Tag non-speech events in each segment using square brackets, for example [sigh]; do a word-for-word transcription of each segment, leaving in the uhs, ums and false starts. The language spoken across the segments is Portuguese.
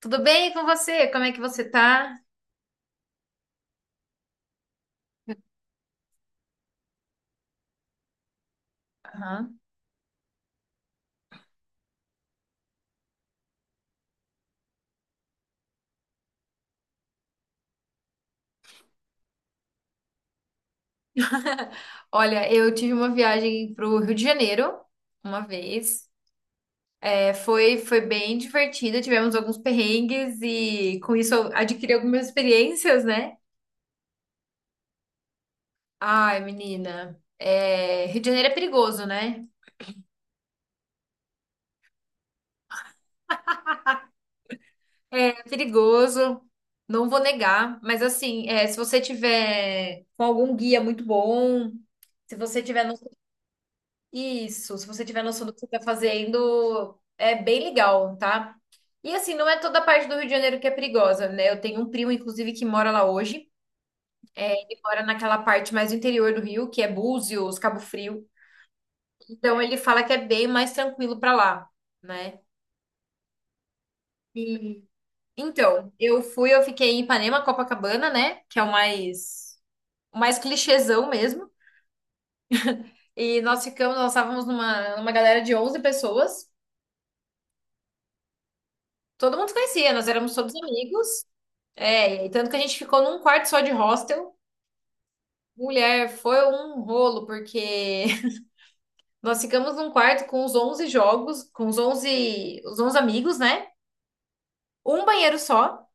Tudo bem com você? Como é que você tá? Aham. [laughs] Olha, eu tive uma viagem pro Rio de Janeiro uma vez. É, foi, foi bem divertida, tivemos alguns perrengues e com isso eu adquiri algumas experiências, né? Ai, menina, é, Rio de Janeiro é perigoso, né? É perigoso, não vou negar, mas assim, é, se você tiver com algum guia muito bom, se você tiver no Isso, se você tiver noção do que você está fazendo, é bem legal, tá? E assim, não é toda a parte do Rio de Janeiro que é perigosa, né? Eu tenho um primo, inclusive, que mora lá hoje, e mora naquela parte mais do interior do Rio, que é Búzios, Cabo Frio. Então ele fala que é bem mais tranquilo pra lá, né? E então, eu fui, eu fiquei em Ipanema, Copacabana, né? Que é o mais, o mais clichêzão mesmo. E nós ficamos, nós estávamos numa, numa galera de onze pessoas. Todo mundo se conhecia, nós éramos todos amigos. É, e tanto que a gente ficou num quarto só de hostel. Mulher, foi um rolo, porque [laughs] nós ficamos num quarto com os onze jogos, com os onze, os onze amigos, né? Um banheiro só,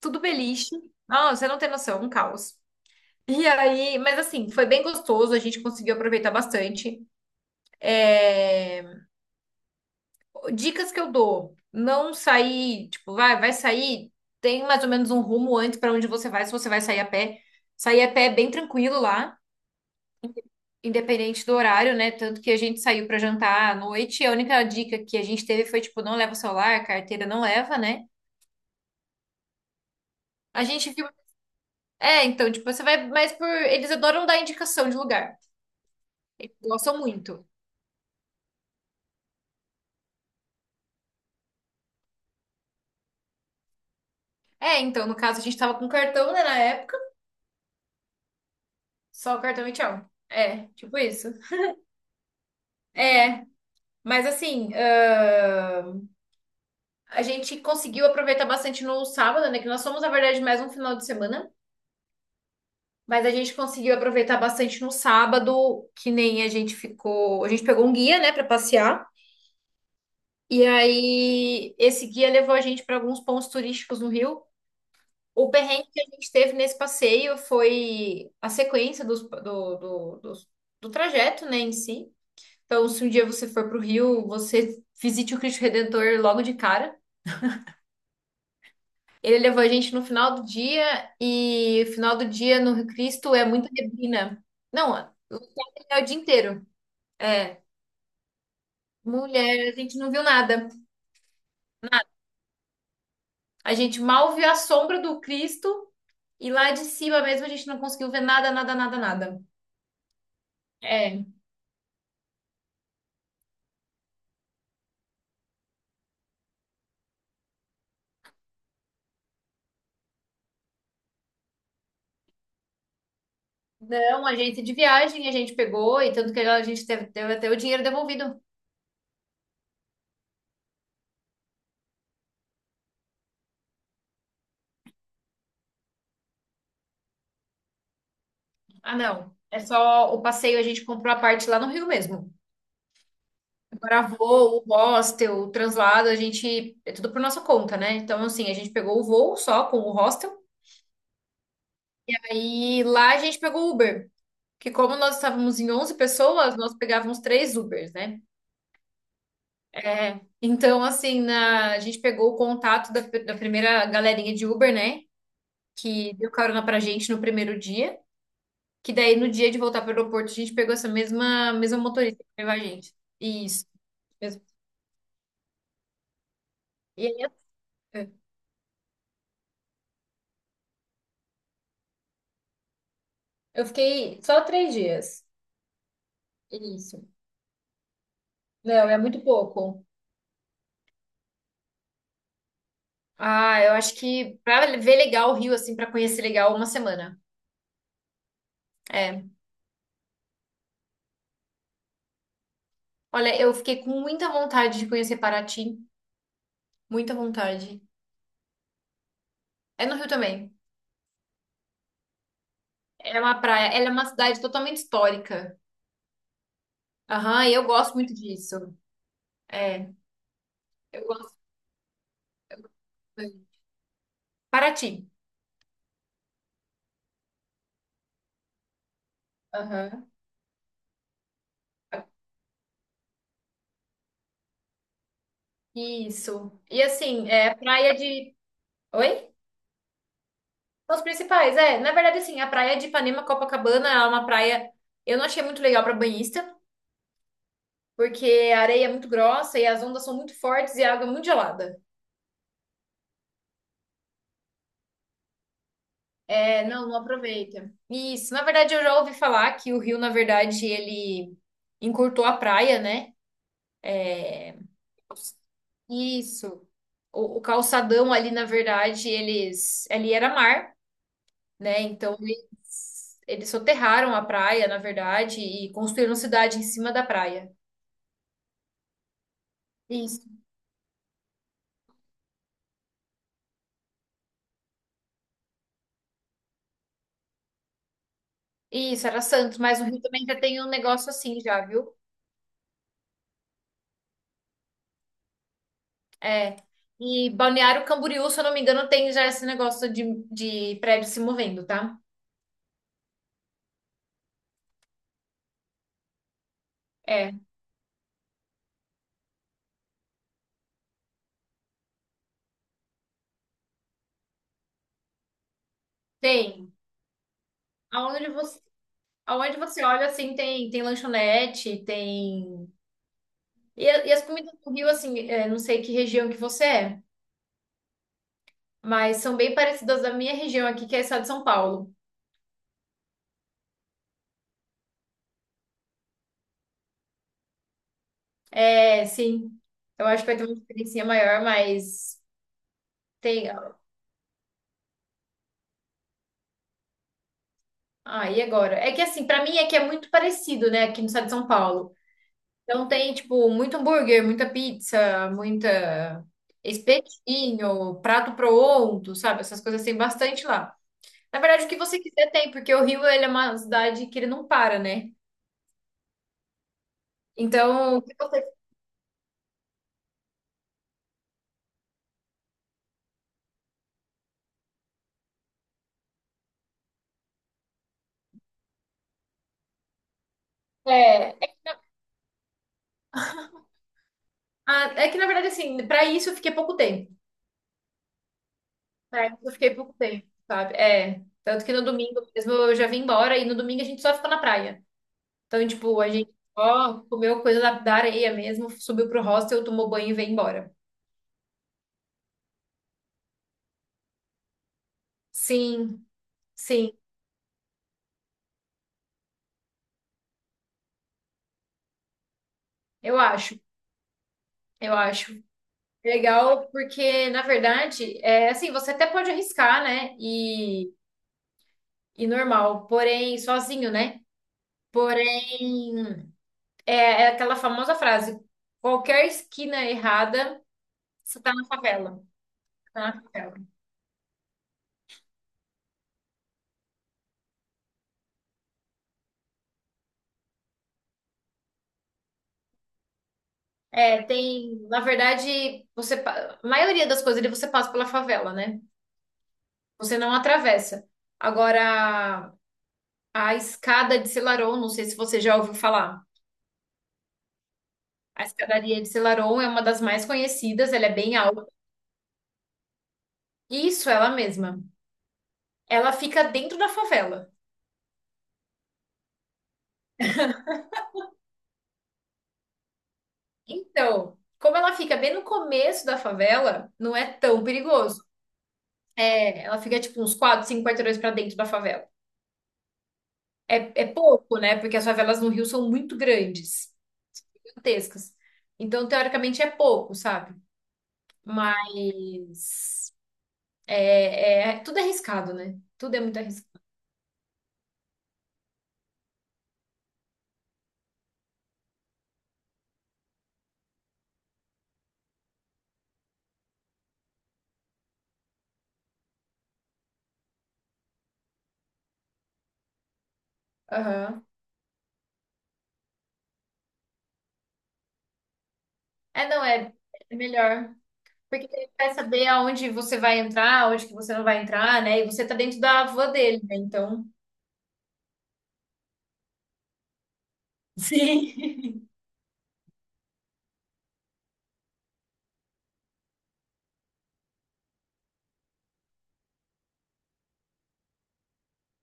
tudo beliche. Ah, você não tem noção, um caos. E aí, mas assim, foi bem gostoso, a gente conseguiu aproveitar bastante. É, dicas que eu dou: não sair, tipo, vai, vai sair, tem mais ou menos um rumo antes para onde você vai, se você vai sair a pé. Sair a pé é bem tranquilo lá. Independente do horário, né? Tanto que a gente saiu para jantar à noite. E a única dica que a gente teve foi, tipo, não leva o celular, carteira não leva, né? A gente viu. É, então, tipo, você vai. Mas por. Eles adoram dar indicação de lugar. Gostam muito. É, então, no caso, a gente tava com cartão, né, na época. Só o cartão e tchau. É, tipo isso. É, mas assim. ahn, A gente conseguiu aproveitar bastante no sábado, né? Que nós fomos, na verdade, mais um final de semana. Mas a gente conseguiu aproveitar bastante no sábado, que nem a gente ficou. A gente pegou um guia, né, para passear. E aí, esse guia levou a gente para alguns pontos turísticos no Rio. O perrengue que a gente teve nesse passeio foi a sequência dos- do, do, dos- do trajeto, né, em si. Então, se um dia você for para o Rio, você visite o Cristo Redentor logo de cara. Ele levou a gente no final do dia, e o final do dia no Rio Cristo é muita neblina. Não, é o dia inteiro. É, mulher, a gente não viu nada. A gente mal viu a sombra do Cristo e lá de cima mesmo a gente não conseguiu ver nada, nada, nada, nada. É, não, agência de viagem a gente pegou e tanto que a gente teve, teve até o dinheiro devolvido. Ah, não, é só o passeio, a gente comprou a parte lá no Rio mesmo. Agora voo, hostel, o translado, a gente, é tudo por nossa conta, né? Então, assim, a gente pegou o voo só com o hostel, aí lá a gente pegou o Uber. Que como nós estávamos em onze pessoas, nós pegávamos três Ubers, né? É, então, assim, na- a gente pegou o contato da, da primeira galerinha de Uber, né? Que deu carona pra gente no primeiro dia. Que daí, no dia de voltar pro aeroporto, a gente pegou essa mesma, mesma motorista que levou a gente. Isso. Mesmo. E aí, é, eu fiquei só três dias. Isso. Não, é muito pouco. Ah, eu acho que pra ver legal o Rio, assim, pra conhecer legal, uma semana. É. Olha, eu fiquei com muita vontade de conhecer Paraty. Muita vontade. É no Rio também. É uma praia, ela é uma cidade totalmente histórica. Aham, e eu gosto muito disso. É, eu gosto muito. Paraty. Aham. Isso. E assim, é praia de. Oi? São os principais, é. Na verdade, assim, a praia de Ipanema, Copacabana, ela é uma praia. Eu não achei muito legal para banhista, porque a areia é muito grossa e as ondas são muito fortes e a água é muito gelada. É, não, não aproveita. Isso. Na verdade, eu já ouvi falar que o rio, na verdade, ele encurtou a praia, né? Isso. O, o calçadão ali, na verdade, eles. Ali era mar, né? Então eles, eles soterraram a praia, na verdade, e construíram cidade em cima da praia. Isso. Isso, era Santos, mas o Rio também já tem um negócio assim já, viu? É. E Balneário Camboriú, se eu não me engano, tem já esse negócio de, de prédio se movendo, tá? É, tem. Aonde você, aonde você olha, assim, tem, tem lanchonete, tem. E, a- e as comidas do Rio, assim, é, não sei que região que você é, mas são bem parecidas da minha região aqui, que é o estado de São Paulo. É, sim, eu acho que vai ter uma diferencinha maior, mas tem. Ah, e agora? É que assim, pra mim é que é muito parecido, né, aqui no estado de São Paulo. Então tem, tipo, muito hambúrguer, muita pizza, muita espetinho, prato pronto, sabe? Essas coisas tem bastante lá. Na verdade, o que você quiser tem, porque o Rio, ele é uma cidade que ele não para, né? Então, o que você é, ah, é que na verdade, assim, pra isso eu fiquei pouco tempo. Pra isso eu fiquei pouco tempo, sabe? É. Tanto que no domingo mesmo eu já vim embora e no domingo a gente só ficou na praia. Então, tipo, a gente só comeu coisa da, da areia mesmo, subiu pro hostel, tomou banho e veio embora. Sim, sim, eu acho. Eu acho legal porque, na verdade, é assim, você até pode arriscar, né? E, e normal, porém, sozinho, né? Porém, é é aquela famosa frase: qualquer esquina errada. Você tá na favela. Tá na favela. É, tem, na verdade, você, pa- a maioria das coisas ali você passa pela favela, né? Você não atravessa. Agora, a escada de Selarón, não sei se você já ouviu falar. A escadaria de Selarón é uma das mais conhecidas, ela é bem alta. Isso, ela mesma. Ela fica dentro da favela. Então, como ela fica bem no começo da favela, não é tão perigoso. É, ela fica tipo uns quatro, cinco quarteirões pra dentro da favela. É, é pouco, né? Porque as favelas no Rio são muito grandes, gigantescas. Então, teoricamente, é pouco, sabe? Mas é, é- é, tudo é arriscado, né? Tudo é muito arriscado. Aham. É, não, é, é melhor. Porque ele vai saber aonde você vai entrar, aonde que você não vai entrar, né? E você tá dentro da van dele, né? Então. Sim.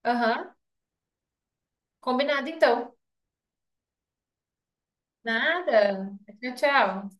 [laughs] Aham. Combinado, então. Nada. Tchau, tchau.